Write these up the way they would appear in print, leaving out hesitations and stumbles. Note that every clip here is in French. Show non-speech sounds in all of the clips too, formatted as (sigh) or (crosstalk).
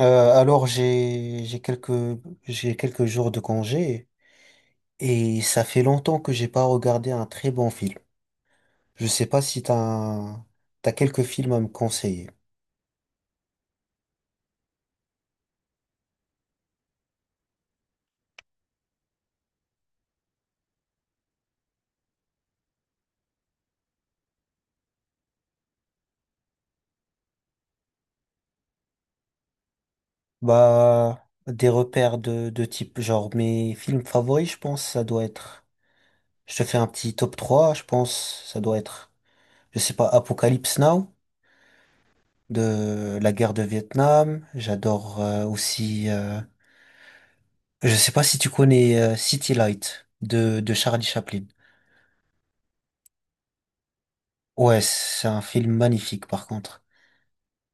Alors j'ai quelques jours de congé et ça fait longtemps que j'ai pas regardé un très bon film. Je sais pas si t'as quelques films à me conseiller. Bah des repères de type genre mes films favoris, je pense ça doit être. Je te fais un petit top 3. Je pense. Ça doit être, je sais pas, Apocalypse Now de la guerre de Vietnam. J'adore aussi. Je sais pas si tu connais City Light de Charlie Chaplin. Ouais, c'est un film magnifique par contre.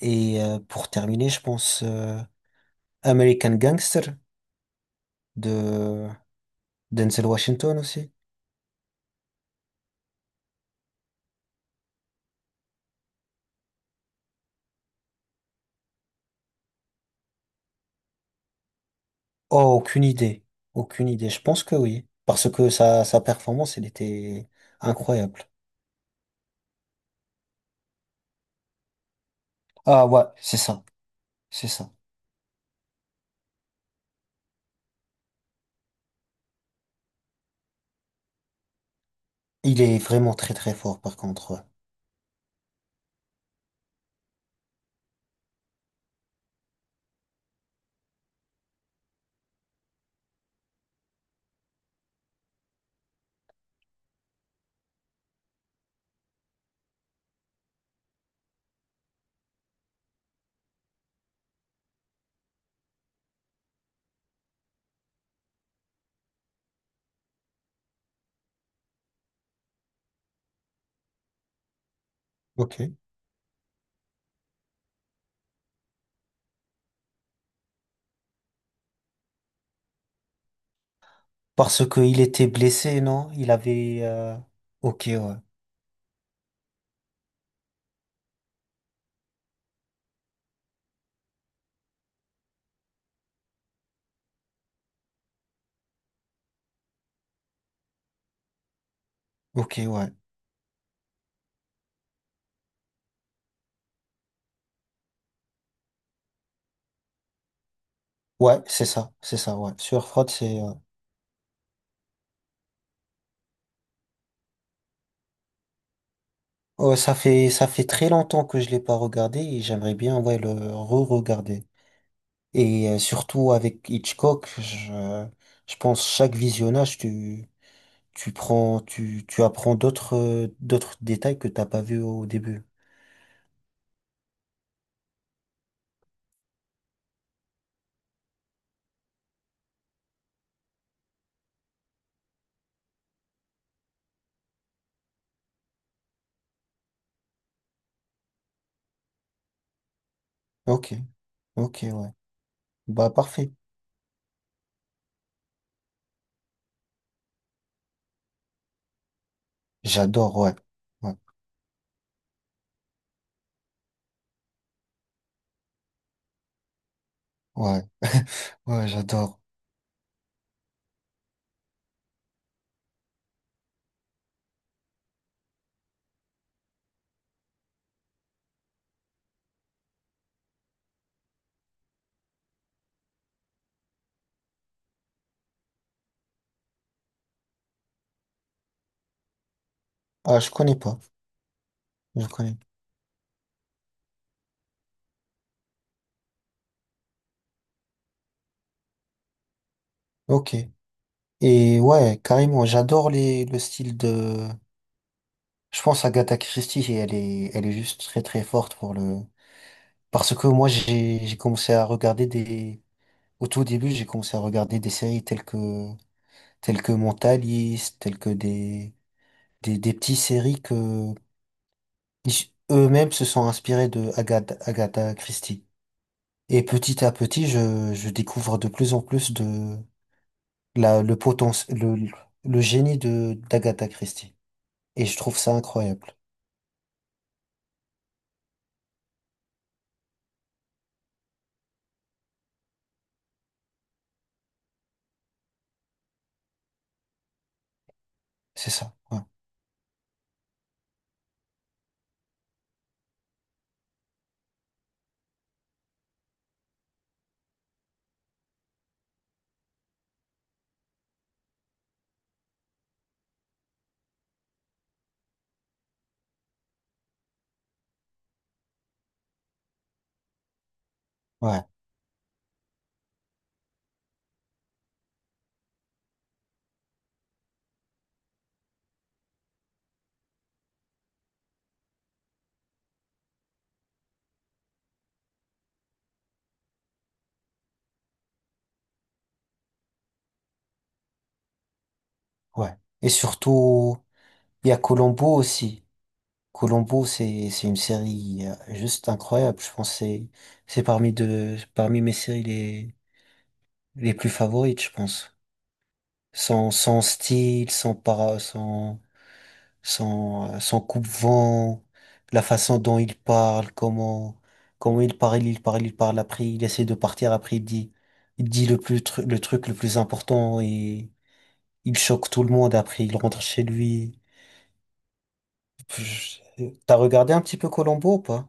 Et pour terminer, je pense American Gangster de Denzel Washington aussi. Oh, aucune idée. Aucune idée. Je pense que oui. Parce que sa performance, elle était incroyable. Ah ouais, c'est ça. C'est ça. Il est vraiment très très fort par contre. Ouais. Ok. Parce que il était blessé, non? Il avait... Ok, ouais. Ok, ouais. Ouais, c'est ça. C'est ça, ouais. Sur Fraud, c'est... oh, ça fait très longtemps que je l'ai pas regardé et j'aimerais bien ouais, le re-regarder. Et surtout avec Hitchcock, je pense chaque visionnage, tu... Tu prends, tu apprends d'autres, d'autres détails que t'as pas vu au début. Ok, ok, ouais. Bah, parfait. J'adore, ouais. Ouais, ouais. (laughs) Ouais, j'adore. Ah, je connais pas. Je connais. Ok. Et ouais, carrément, j'adore le style de, je pense Agatha Christie, et elle est juste très très forte pour le, parce que j'ai commencé à regarder des, au tout début, j'ai commencé à regarder des séries telles que Mentaliste, telles que des petites séries que eux-mêmes se sont inspirés de Agatha Christie. Et petit à petit, je découvre de plus en plus de la, le potentiel, le génie de d'Agatha Christie. Et je trouve ça incroyable. C'est ça. Ouais. Ouais. Ouais. Et surtout, il y a Columbo aussi. Columbo, c'est une série juste incroyable. Je pense que c'est parmi de, parmi mes séries les plus favorites, je pense. Sans, sans style, sans para, sans, sans, sans coupe-vent, la façon dont il parle, comment, comment il parle, il parle, il parle, après il essaie de partir, après il dit le plus, le truc le plus important et il choque tout le monde, après il rentre chez lui. Je- T'as regardé un petit peu Colombo ou pas?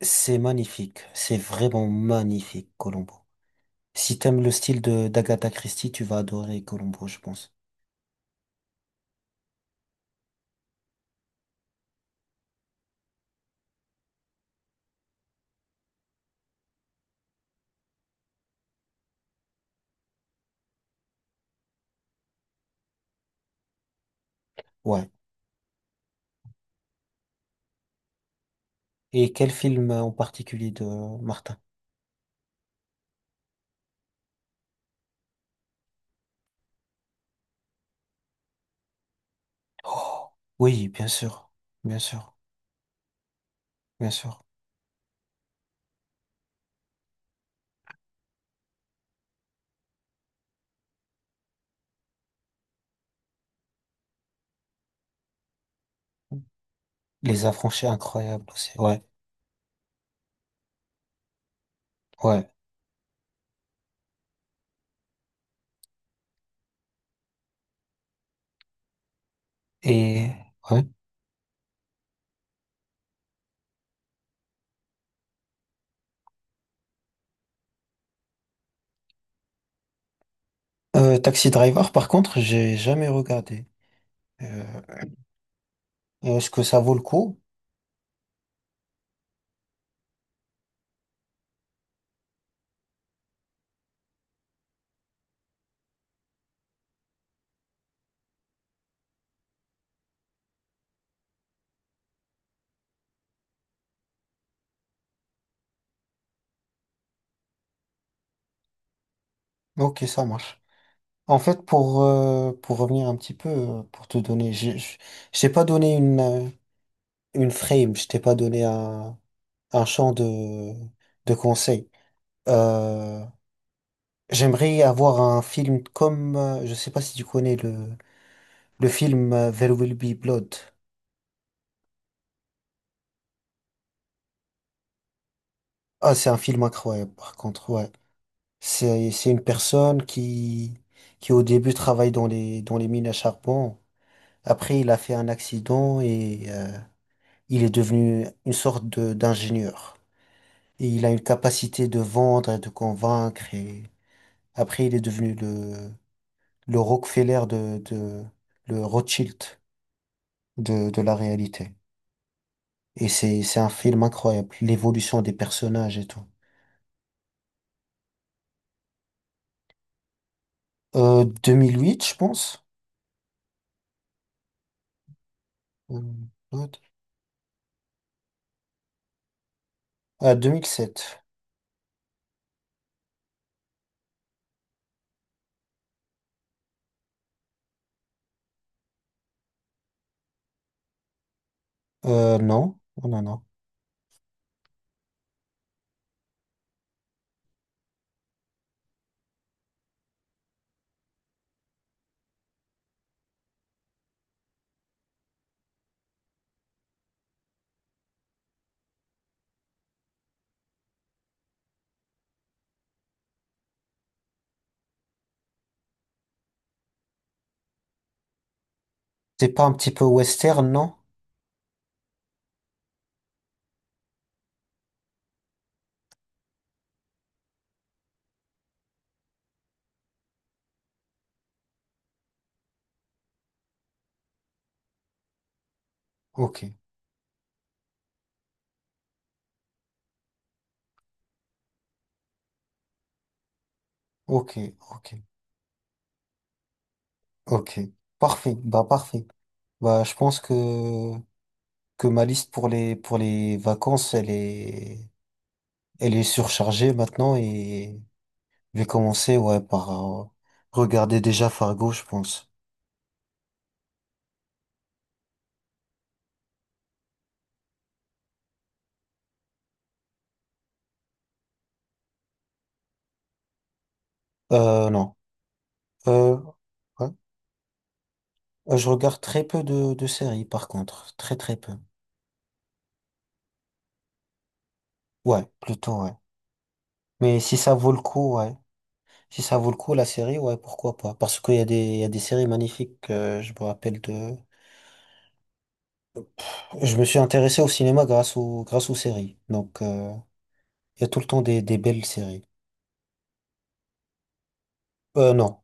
C'est magnifique, c'est vraiment magnifique, Colombo. Si t'aimes le style de d'Agatha Christie, tu vas adorer Colombo, je pense. Ouais. Et quel film en particulier de Martin? Oh, oui, bien sûr, bien sûr, bien sûr. Les Affranchis, incroyables, aussi. Ouais, ouais. Et ouais. Taxi Driver, par contre, j'ai jamais regardé. Euh, Est-ce que ça vaut le coup? Ok, ça marche. En fait, pour revenir un petit peu, pour te donner, je t'ai pas donné une frame, je t'ai pas donné un champ de conseils. Euh, J'aimerais avoir un film comme, je sais pas si tu connais le film There Will Be Blood. Ah, c'est un film incroyable, par contre, ouais. C'est une personne qui au début travaille dans dans les mines à charbon. Après, il a fait un accident et il est devenu une sorte de, d'ingénieur. Et il a une capacité de vendre et de convaincre et après, il est devenu le Rockefeller le Rothschild de la réalité. Et c'est un film incroyable. L'évolution des personnages et tout. 2008, je pense. Euh, what Ah, 2007. Non. Oh, non, non. C'est pas un petit peu western, non? Ok. Ok. Ok. Ok. Parfait. Bah, parfait. Bah, je pense que ma liste pour les vacances, elle est surchargée maintenant et je vais commencer, ouais, par euh, regarder déjà Fargo, je pense. Non. Euh, ouais. Je regarde très peu de séries, par contre. Très, très peu. Ouais, plutôt, ouais. Mais si ça vaut le coup, ouais. Si ça vaut le coup, la série, ouais, pourquoi pas. Parce qu'il y a des, il y a des séries magnifiques, je me rappelle de... Je me suis intéressé au cinéma grâce aux séries. Donc, il y a tout le temps des belles séries. Non.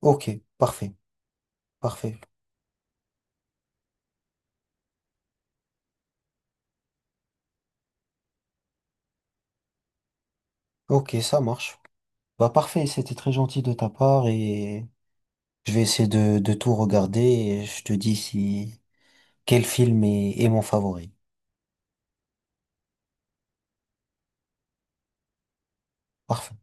Ok, parfait. Parfait. Ok, ça marche. Bah, parfait, c'était très gentil de ta part et je vais essayer de tout regarder et je te dis si quel film est est mon favori. Parfait.